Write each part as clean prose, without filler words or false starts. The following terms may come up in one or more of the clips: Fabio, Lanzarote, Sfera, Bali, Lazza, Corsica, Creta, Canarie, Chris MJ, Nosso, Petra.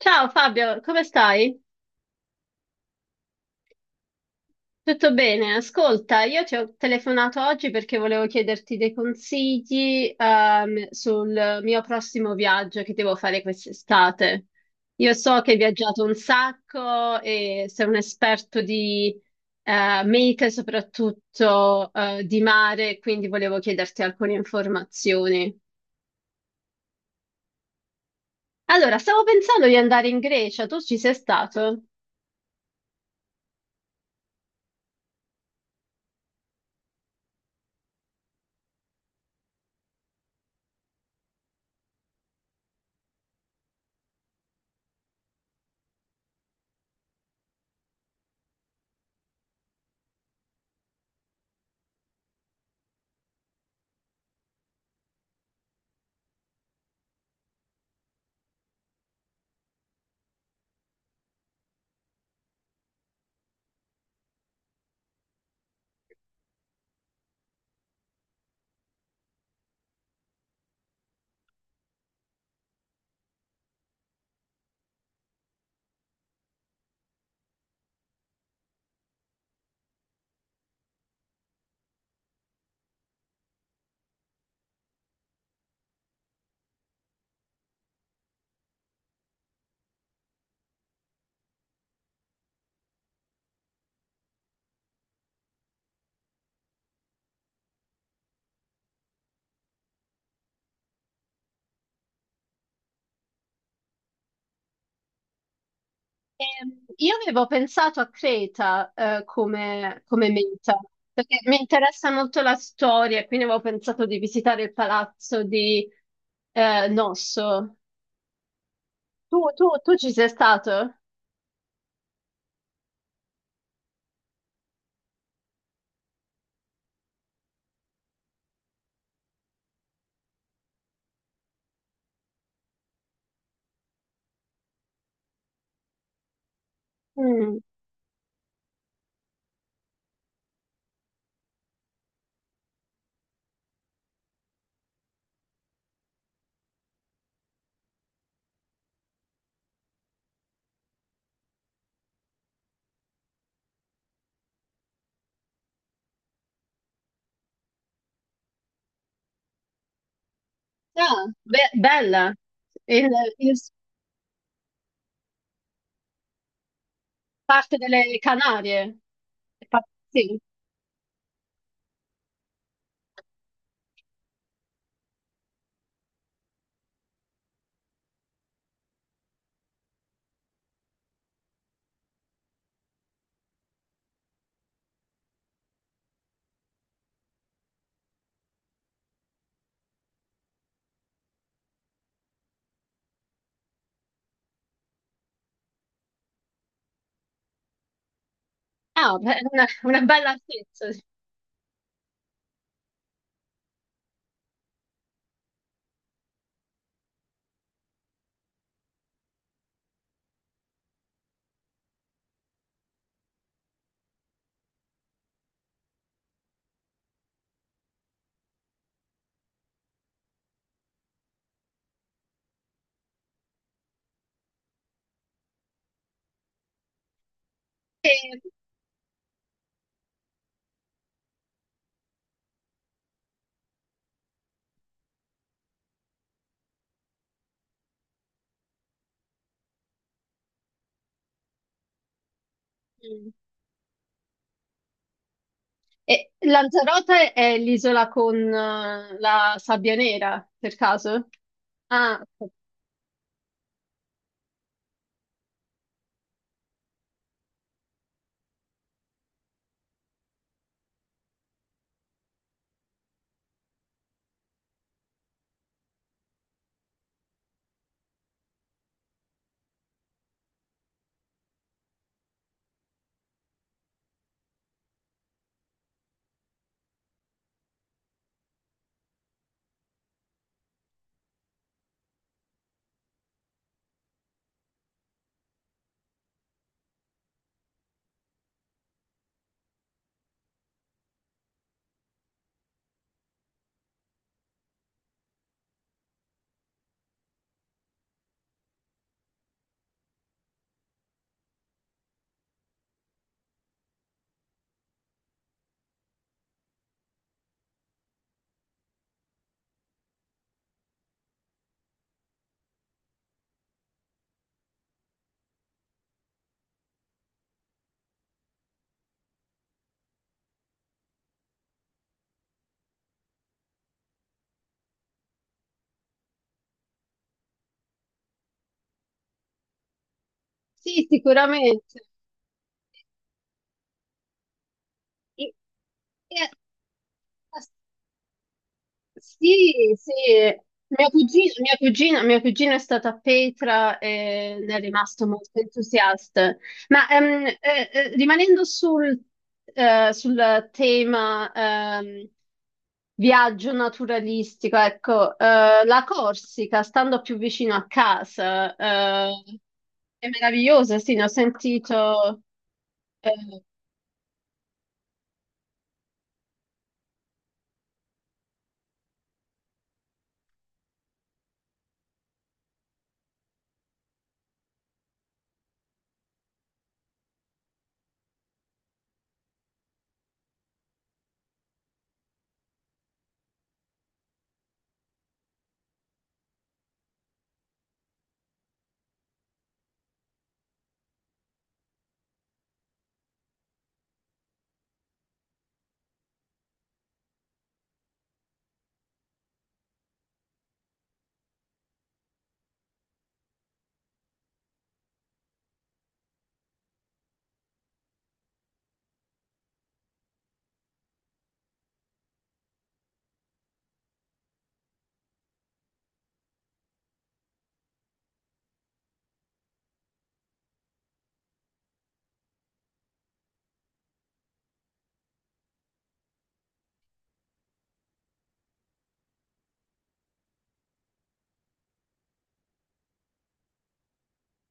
Ciao Fabio, come stai? Tutto bene? Ascolta, io ti ho telefonato oggi perché volevo chiederti dei consigli, sul mio prossimo viaggio che devo fare quest'estate. Io so che hai viaggiato un sacco e sei un esperto di, mete, soprattutto, di mare, quindi volevo chiederti alcune informazioni. Allora, stavo pensando di andare in Grecia, tu ci sei stato? Io avevo pensato a Creta, come, come meta, perché mi interessa molto la storia, quindi avevo pensato di visitare il palazzo di Nosso. Tu ci sei stato? Mm. Ah, bella, in, in parte delle Canarie. Fa- Sì. Ah, beh, una bella altezza. Sì. E- mm. E Lanzarote è l'isola con la sabbia nera, per caso? Ah, ok. Sì, sicuramente. E- e- Sì, sì, mio cugino, mia cugina è stata a Petra e ne è rimasto molto entusiasta. Ma rimanendo sul tema viaggio naturalistico, ecco, la Corsica, stando più vicino a casa, è meravigliosa, sì, ne ho sentito, eh,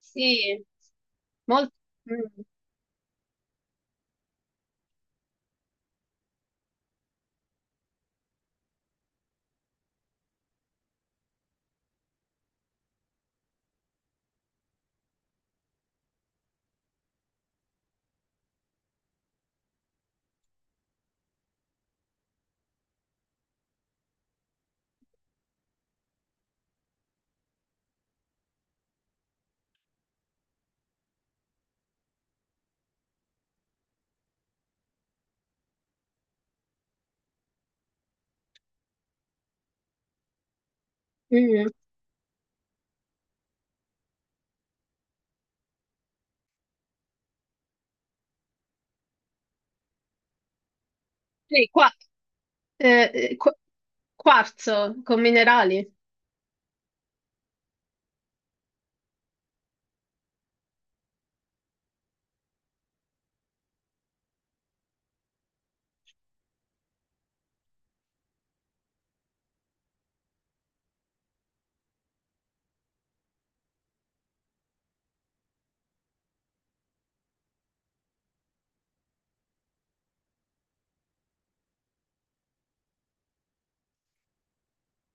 sì, molto... mm, mm. Sì, qua. Eh, eh, qu- quarzo con minerali.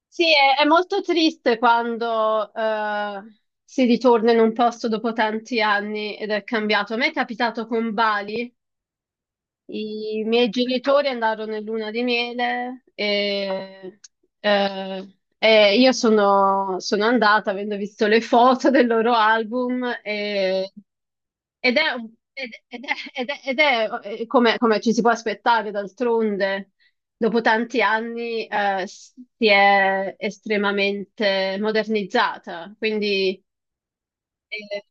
Sì, è molto triste quando si ritorna in un posto dopo tanti anni ed è cambiato. A me è capitato con Bali. I miei genitori andarono in luna di miele e io sono, sono andata avendo visto le foto del loro album. Ed è, ed è, come, come ci si può aspettare d'altronde, dopo tanti anni si è estremamente modernizzata, quindi eh,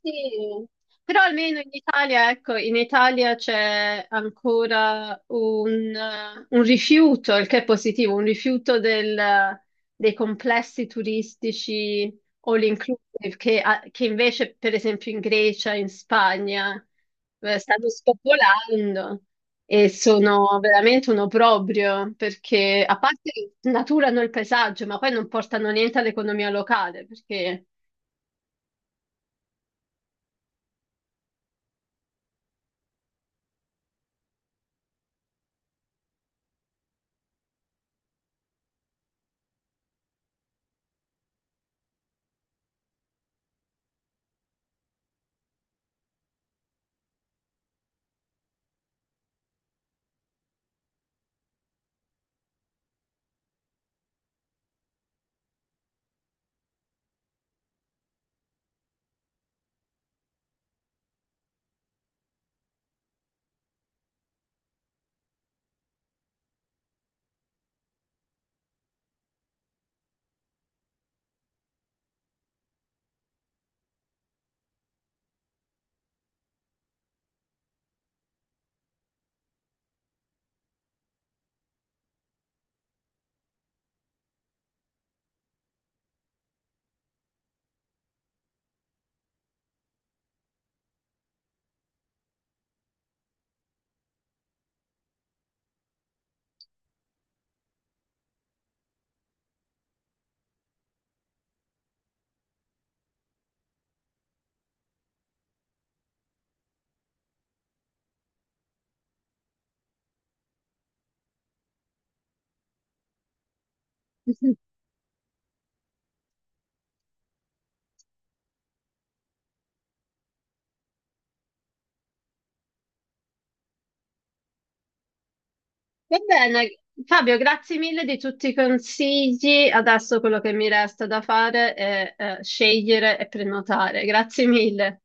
sì, però almeno in Italia, ecco, in Italia c'è ancora un rifiuto, il che è positivo, un rifiuto dei complessi turistici all inclusive, che invece, per esempio, in Grecia, in Spagna, stanno spopolando e sono veramente un obbrobrio, perché a parte naturano il paesaggio, ma poi non portano niente all'economia locale, perché... Va bene, Fabio, grazie mille di tutti i consigli. Adesso quello che mi resta da fare è scegliere e prenotare. Grazie mille.